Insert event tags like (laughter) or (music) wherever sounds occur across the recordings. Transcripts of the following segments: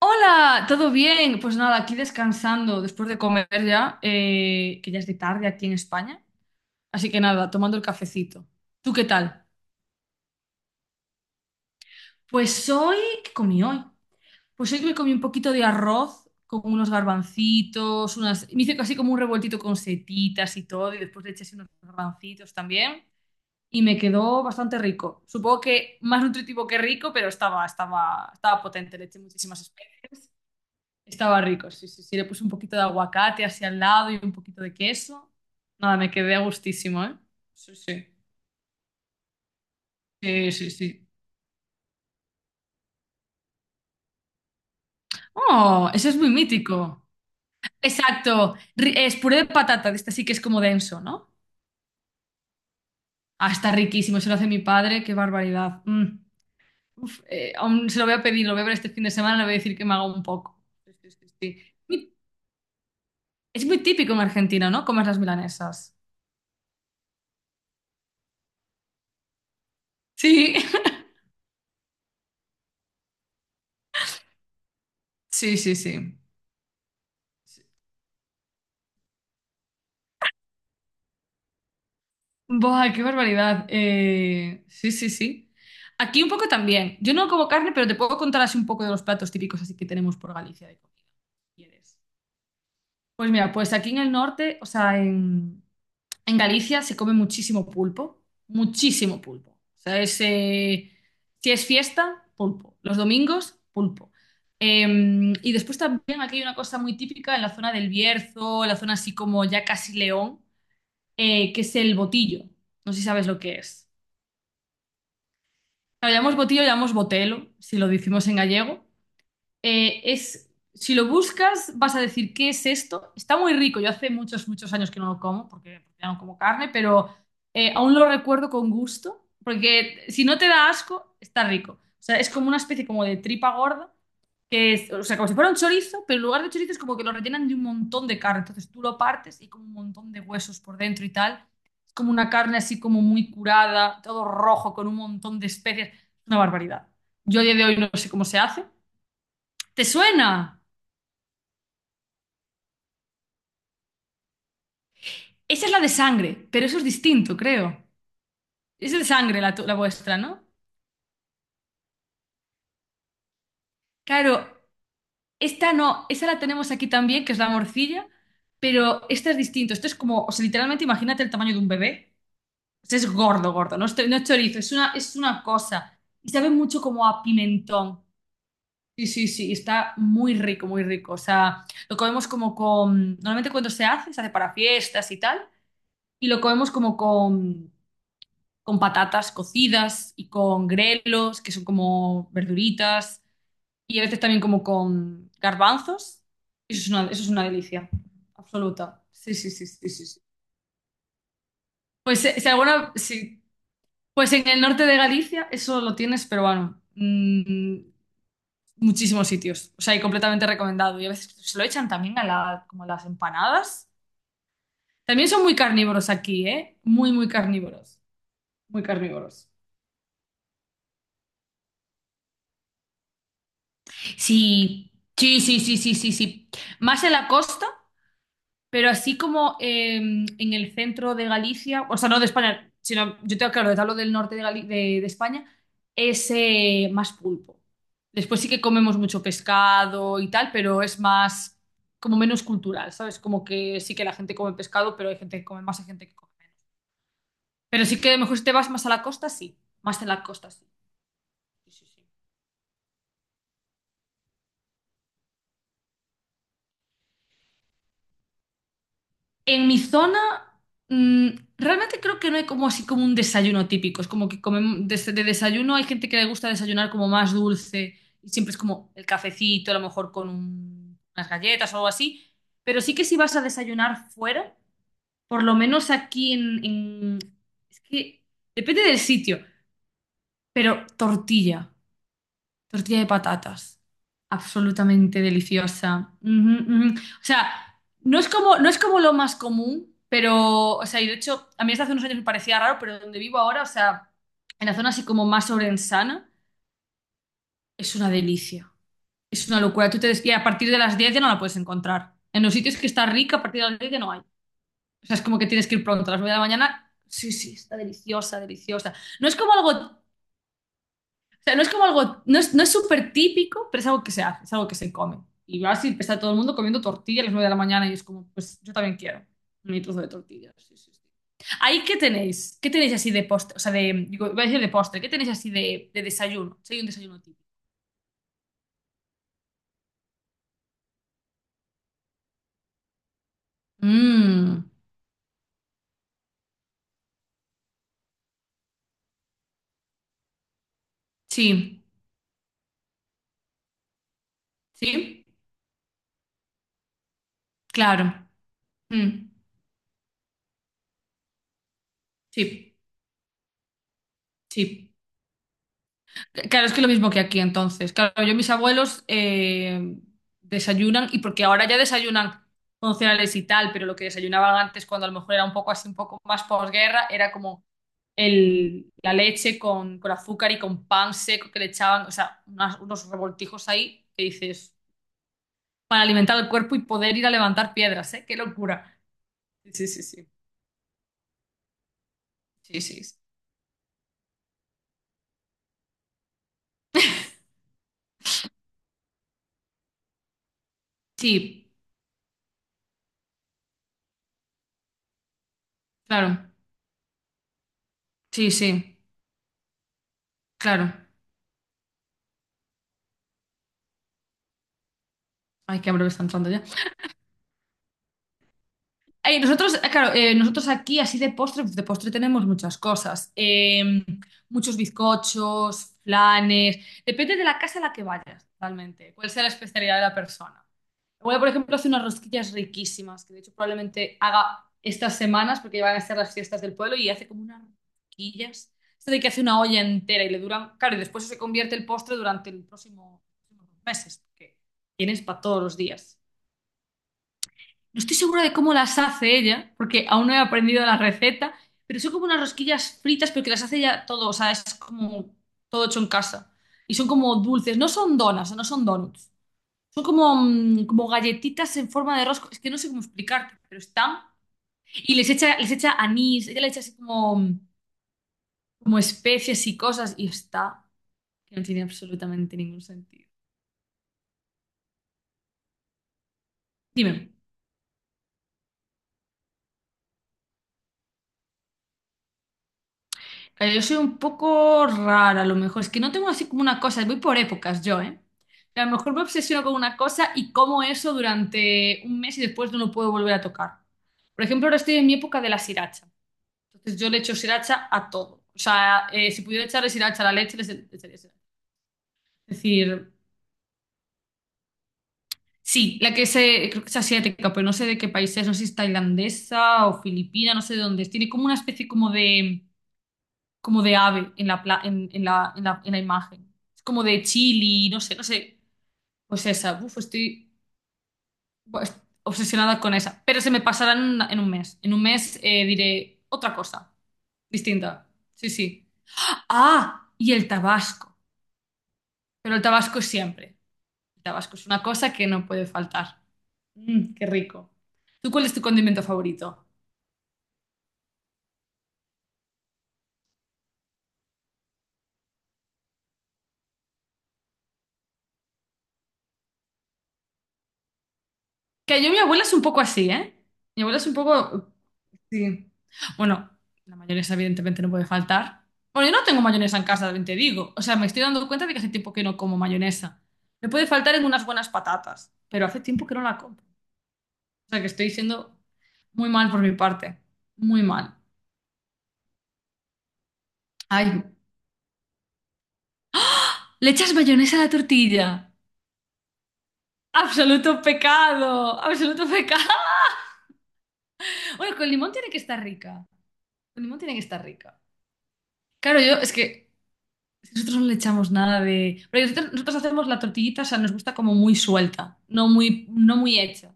Hola, ¿todo bien? Pues nada, aquí descansando después de comer ya, que ya es de tarde aquí en España. Así que nada, tomando el cafecito. ¿Tú qué tal? Pues hoy, ¿qué comí hoy? Pues hoy me comí un poquito de arroz con unos garbancitos, Me hice casi como un revueltito con setitas y todo, y después le eché así unos garbancitos también. Y me quedó bastante rico. Supongo que más nutritivo que rico, pero estaba potente, le eché muchísimas especias. Estaba rico, sí, sí, sí. Le puse un poquito de aguacate hacia al lado y un poquito de queso. Nada, me quedé a gustísimo, ¿eh? Sí, sí. Sí, sí, sí. Oh, ese es muy mítico. Exacto. Es puré de patata, de este sí que es como denso, ¿no? Ah, está riquísimo, se lo hace mi padre, qué barbaridad. Mm. Uf, aún se lo voy a pedir, lo voy a ver este fin de semana, le voy a decir que me haga un poco. Sí, sí, sí, sí. Es muy típico en Argentina, ¿no? Comer las milanesas. Sí, (laughs) sí, sí, sí. Buah, qué barbaridad. Sí, sí, sí. Aquí un poco también. Yo no como carne, pero te puedo contar así un poco de los platos típicos así que tenemos por Galicia de comida, si quieres. Pues mira, pues aquí en el norte, o sea, en Galicia se come muchísimo pulpo, muchísimo pulpo. O sea, es, si es fiesta, pulpo. Los domingos, pulpo. Eh, y después también aquí hay una cosa muy típica en la zona del Bierzo, en la zona así como ya casi León, que es el botillo. No sé si sabes lo que es. Lo llamamos botillo, lo llamamos botelo, si lo decimos en gallego. Es, si lo buscas, vas a decir, ¿qué es esto? Está muy rico. Yo hace muchos, muchos años que no lo como, porque ya no como carne, pero aún lo recuerdo con gusto, porque si no te da asco, está rico. O sea, es como una especie como de tripa gorda, que es, o sea, como si fuera un chorizo, pero en lugar de chorizo es como que lo rellenan de un montón de carne. Entonces tú lo partes y como un montón de huesos por dentro y tal. Es como una carne así como muy curada, todo rojo, con un montón de especias. Una barbaridad. Yo a día de hoy no sé cómo se hace. ¿Te suena? Esa es la de sangre, pero eso es distinto, creo. Esa es de sangre la vuestra, ¿no? Claro, esta no, esa la tenemos aquí también, que es la morcilla, pero esta es distinto. Esto es como, o sea, literalmente imagínate el tamaño de un bebé. Pues es gordo, gordo, no es chorizo, es una cosa. Y sabe mucho como a pimentón. Sí, sí, sí, está muy rico, muy rico. O sea, lo comemos como con... Normalmente cuando se hace para fiestas y tal, y lo comemos como con patatas cocidas y con grelos, que son como verduritas, y a veces también como con garbanzos. Eso es una delicia absoluta. Sí, sí, sí, sí, sí. Sí. Pues si alguna, si pues en el norte de Galicia eso lo tienes, pero bueno, muchísimos sitios. O sea, y completamente recomendado. Y a veces se lo echan también como a las empanadas. También son muy carnívoros aquí, ¿eh? Muy, muy carnívoros. Muy carnívoros. Sí, sí, sí, sí, sí, sí, sí. Más en la costa. Pero así como en el centro de Galicia, o sea, no de España, sino yo tengo claro, te hablo del norte de, de España, es más pulpo. Después sí que comemos mucho pescado y tal, pero es más, como menos cultural, ¿sabes? Como que sí que la gente come pescado, pero hay gente que come más, hay gente que come menos. Pero sí que a lo mejor si te vas más a la costa, sí. Más en la costa, sí. Sí, sí, sí. En mi zona, mm, realmente creo que no hay como así como un desayuno típico. Es como que comemos de desayuno hay gente que le gusta desayunar como más dulce y siempre es como el cafecito, a lo mejor con unas galletas o algo así. Pero sí que si vas a desayunar fuera, por lo menos aquí es que depende del sitio, pero tortilla. Tortilla de patatas. Absolutamente deliciosa. Ujú, ujú. O sea, no es como, no es como lo más común, pero, o sea, y de hecho, a mí hasta hace unos años me parecía raro, pero donde vivo ahora, o sea, en la zona así como más orensana, es una delicia. Es una locura. Y a partir de las 10 ya no la puedes encontrar. En los sitios que está rica, a partir de las 10 ya no hay. O sea, es como que tienes que ir pronto, a las 9 de la mañana. Sí, sí, está deliciosa, deliciosa. No es como algo. O sea, no es como algo, no es súper típico, pero es algo que se hace, es algo que se come. Y vas y está todo el mundo comiendo tortilla a las 9 de la mañana y es como, pues yo también quiero mi trozo de tortilla. Sí, sí, sí. Ahí, ¿qué tenéis? ¿Qué tenéis así de postre? O sea, de, digo, iba a decir de postre, ¿qué tenéis así de desayuno? Si hay un desayuno típico. Mm, sí, sí, claro. Mm, sí, sí. Claro, es que lo mismo que aquí entonces. Claro, yo mis abuelos desayunan y porque ahora ya desayunan con cereales y tal, pero lo que desayunaban antes cuando a lo mejor era un poco así, un poco más posguerra, era como la leche con azúcar y con pan seco que le echaban, o sea, unos revoltijos ahí que dices, para alimentar el cuerpo y poder ir a levantar piedras, ¿eh? ¡Qué locura! Sí, sí, sí. Sí, sí, sí. Sí, claro. Sí, sí, claro. Ay, qué hambre me está entrando ya. Ay, claro, nosotros aquí así de postre, pues de postre tenemos muchas cosas. Muchos bizcochos, flanes. Depende de la casa a la que vayas, realmente. Cuál sea la especialidad de la persona. Voy, por ejemplo, hace unas rosquillas riquísimas, que de hecho probablemente haga estas semanas, porque van a ser las fiestas del pueblo, y hace como unas rosquillas. Esto de que hace una olla entera y le duran, claro, y después se convierte el postre durante los próximos meses, porque tienes para todos los días. No estoy segura de cómo las hace ella, porque aún no he aprendido la receta, pero son como unas rosquillas fritas, pero que las hace ella todo, o sea, es como todo hecho en casa. Y son como dulces, no son donas, no son donuts. Son como, como galletitas en forma de rosco, es que no sé cómo explicarte, pero están. Y les echa anís, ella le echa así como, como especias y cosas, y está, que no tiene absolutamente ningún sentido. Dime. Yo soy un poco rara, a lo mejor. Es que no tengo así como una cosa, voy por épocas yo, ¿eh? A lo mejor me obsesiono con una cosa y como eso durante un mes y después no lo puedo volver a tocar. Por ejemplo, ahora estoy en mi época de la sriracha. Entonces yo le echo sriracha a todo. O sea, si pudiera echarle sriracha a la leche, le echaría sriracha. Es decir, sí, creo que es asiática, pero no sé de qué país es, no sé si es tailandesa o filipina, no sé de dónde es. Tiene como una especie como de ave en la, en la imagen. Es como de chili, no sé, no sé. Pues esa, uf, estoy pues, obsesionada con esa. Pero se me pasará en un mes. En un mes diré otra cosa, distinta. Sí, sí. Ah, y el tabasco. Pero el tabasco es siempre. El tabasco es una cosa que no puede faltar. Mm, qué rico. ¿Tú cuál es tu condimento favorito? Que yo, mi abuela es un poco así, ¿eh? Mi abuela es un poco. Sí. Bueno, la mayonesa evidentemente no puede faltar. Bueno, yo no tengo mayonesa en casa, también te digo. O sea, me estoy dando cuenta de que hace tiempo que no como mayonesa. Me puede faltar en unas buenas patatas, pero hace tiempo que no la compro. O sea, que estoy siendo muy mal por mi parte. Muy mal. Ay, ¿le echas mayonesa a la tortilla? Absoluto pecado, absoluto pecado. (laughs) Bueno, con limón tiene que estar rica. Con limón tiene que estar rica. Claro, yo es que si nosotros no le echamos nada de. Porque nosotros hacemos la tortillita, o sea, nos gusta como muy suelta, no muy hecha.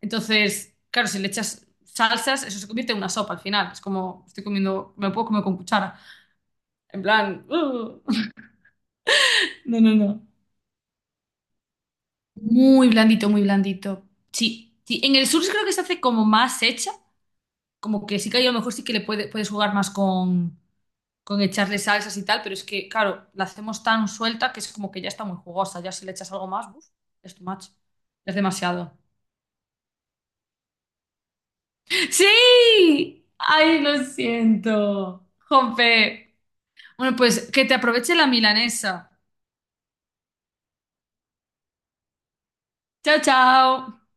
Entonces, claro, si le echas salsas, eso se convierte en una sopa al final. Es como, estoy comiendo, me lo puedo comer con cuchara. En plan, ¡uh! (laughs) No, no, no. Muy blandito, muy blandito. Sí, sí. En el sur sí creo que se hace como más hecha, como que sí que ahí a lo mejor sí que le puedes jugar más con. Con echarle salsas y tal, pero es que, claro, la hacemos tan suelta que es como que ya está muy jugosa. Ya si le echas algo más, uf, es too much. Es demasiado. (laughs) ¡Sí! ¡Ay, lo siento! Jompe. Bueno, pues que te aproveche la milanesa. Chao, chao.